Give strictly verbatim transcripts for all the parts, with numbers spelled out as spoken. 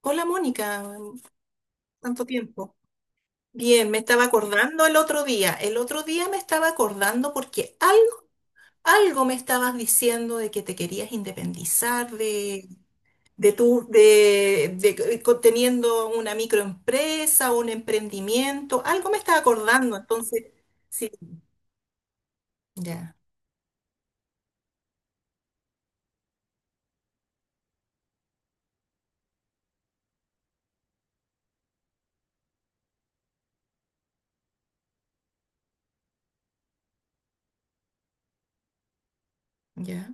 Hola Mónica, tanto tiempo. Bien, me estaba acordando el otro día. El otro día me estaba acordando porque algo, algo me estabas diciendo de que te querías independizar de, de tu, de, de, de co- teniendo una microempresa, un emprendimiento. Algo me estaba acordando, entonces, sí. Ya, ya,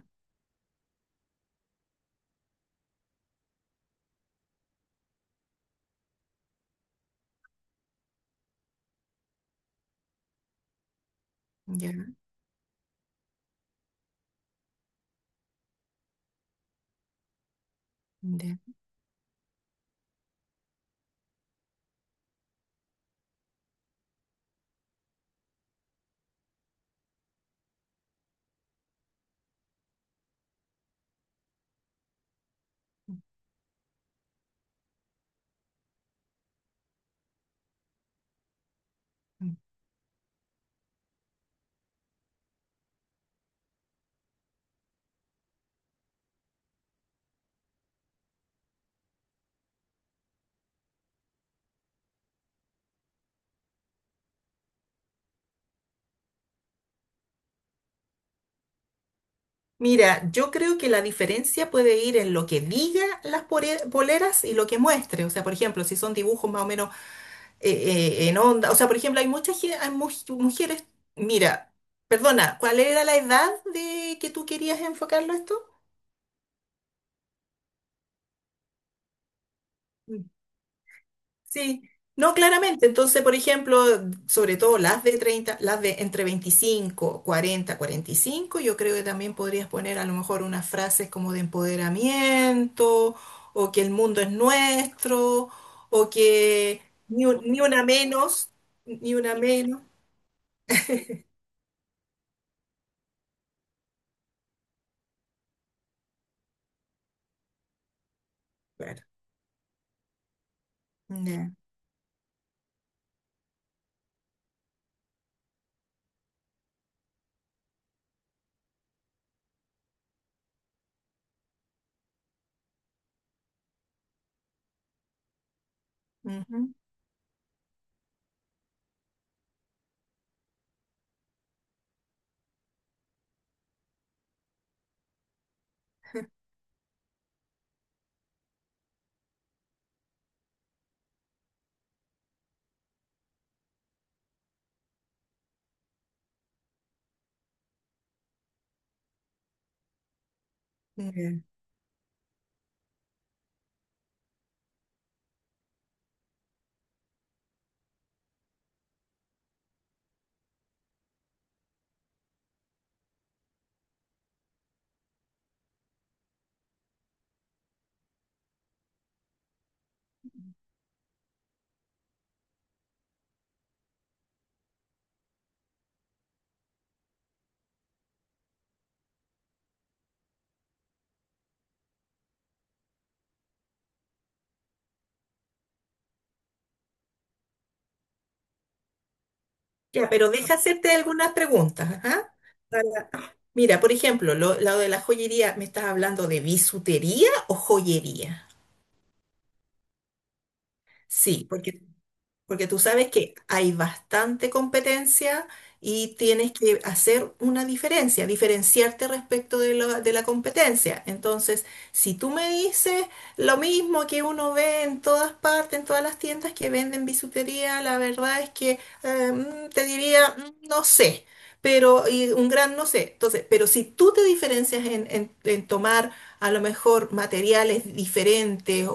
ya, ya. Mm. Mira, yo creo que la diferencia puede ir en lo que diga las pore- poleras y lo que muestre. O sea, por ejemplo, si son dibujos más o menos eh, eh, en onda. O sea, por ejemplo, hay muchas gen- hay mu- mujeres. Mira, perdona, ¿cuál era la edad de que tú querías enfocarlo a esto? Mm. Sí. No, claramente. Entonces, por ejemplo, sobre todo las de treinta, las de entre veinticinco, cuarenta, cuarenta y cinco, yo creo que también podrías poner a lo mejor unas frases como de empoderamiento, o que el mundo es nuestro, o que ni, un- ni una menos, ni una menos. Claro. Ya. Ujú. Ya. Ya, pero deja hacerte algunas preguntas, ajá. Para- Mira, por ejemplo, lo, lo de la joyería, ¿me estás hablando de bisutería o joyería? Sí, porque, porque tú sabes que hay bastante competencia y tienes que hacer una diferencia, diferenciarte respecto de, lo- de la competencia. Entonces, si tú me dices lo mismo que uno ve en todas partes, en todas las tiendas que venden bisutería, la verdad es que eh, mm, te diría, mm, no sé, pero y un gran no sé. Entonces, pero si tú te diferencias en, en en tomar a lo mejor materiales diferentes,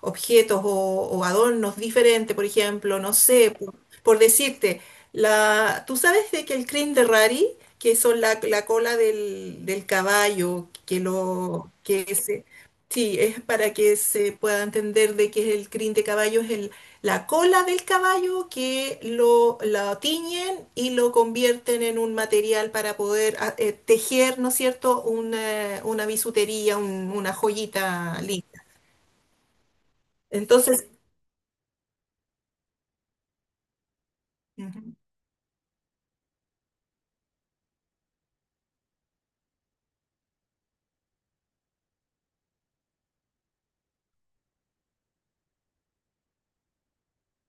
objetos o, o adornos diferentes, por ejemplo, no sé, por, por decirte, la, tú sabes de que el crin de Rari, que son la, la cola del, del caballo, que lo, que se, sí, es para que se pueda entender de que es el crin de caballo, es el, la cola del caballo que lo, la tiñen y lo convierten en un material para poder ah, eh, tejer, ¿no es cierto?, una, una bisutería, un- una joyita linda. Entonces,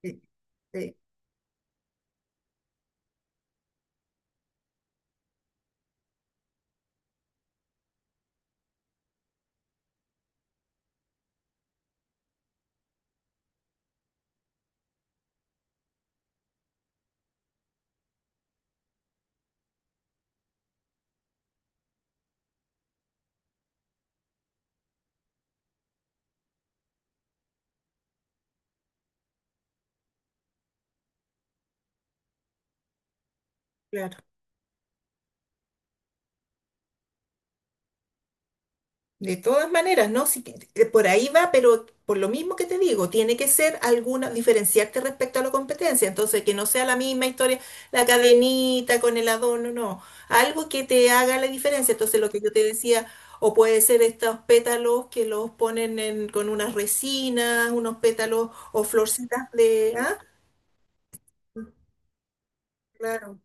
sí, sí, claro. De todas maneras, ¿no? Sí que- eh, por ahí va, pero por lo mismo que te digo, tiene que ser alguna, diferenciarte respecto a la competencia. Entonces, que no sea la misma historia, la cadenita con el adorno, no. Algo que te haga la diferencia. Entonces, lo que yo te decía, o puede ser estos pétalos que los ponen en- con unas resinas, unos pétalos o florcitas de ¿ah? Claro.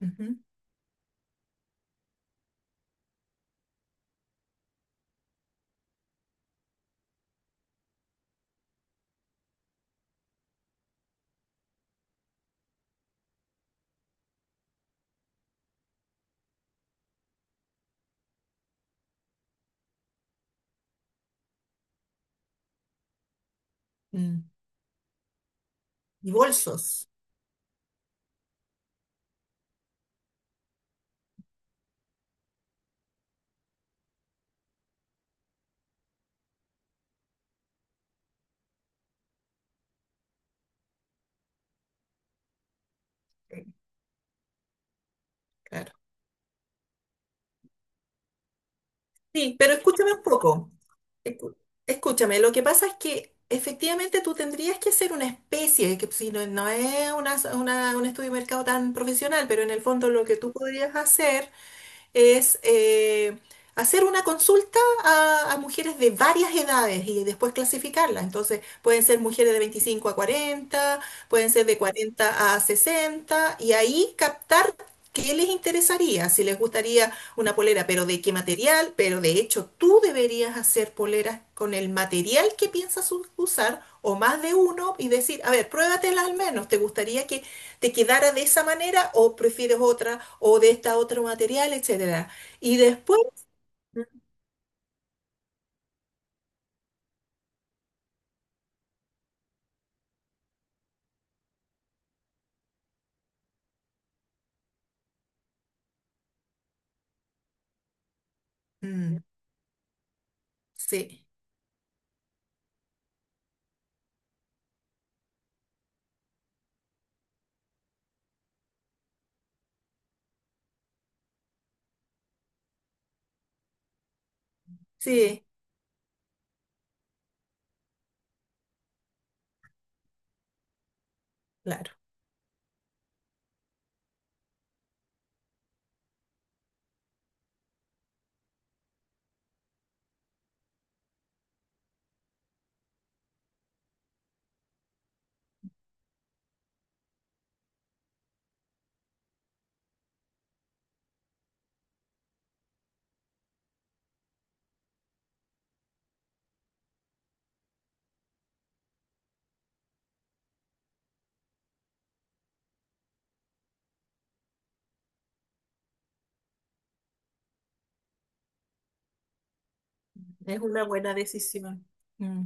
Ujú. Mm. Y bolsos. Sí, claro. Sí, pero escúchame un poco. Escu- Escúchame, lo que pasa es que efectivamente tú tendrías que hacer una especie, que si no, no es una- una- un estudio de mercado tan profesional, pero en el fondo lo que tú podrías hacer es eh, hacer una consulta a, a mujeres de varias edades y después clasificarlas. Entonces, pueden ser mujeres de veinticinco a cuarenta, pueden ser de cuarenta a sesenta, y ahí captar qué les interesaría, si les gustaría una polera, pero de qué material, pero de hecho tú deberías hacer poleras con el material que piensas u- usar o más de uno y decir, a ver, pruébatelas al menos, ¿te gustaría que te quedara de esa manera o prefieres otra o de esta otro material, etcétera? Y después, mm, sí, sí, claro, es una buena decisión. Mm.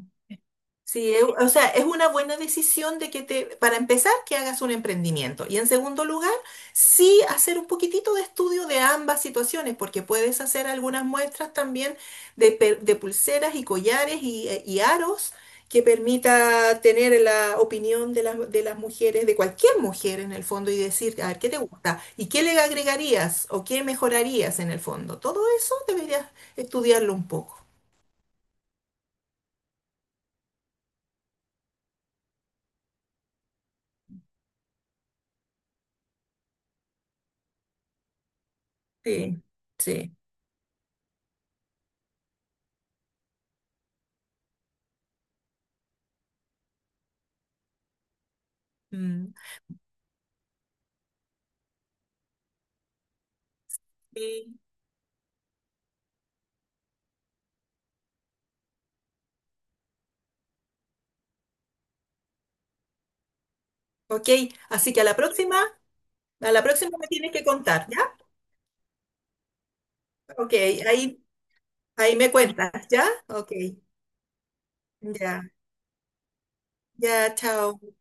Sí, es- o sea, es una buena decisión de que te, para empezar, que hagas un emprendimiento. Y en segundo lugar, sí hacer un poquitito de estudio de ambas situaciones, porque puedes hacer algunas muestras también de, pe- de pulseras y collares y, eh, y aros que permita tener la opinión de las, de las mujeres, de cualquier mujer en el fondo, y decir, a ver, ¿qué te gusta? ¿Y qué le agregarías o qué mejorarías en el fondo? Todo eso deberías estudiarlo un poco. Sí, sí. Mm. Sí. Ok, así que a la próxima, a la próxima me tienes que contar, ¿ya? Ok, ahí, ahí me cuentas, ¿ya? Ok, ya, ya, chao.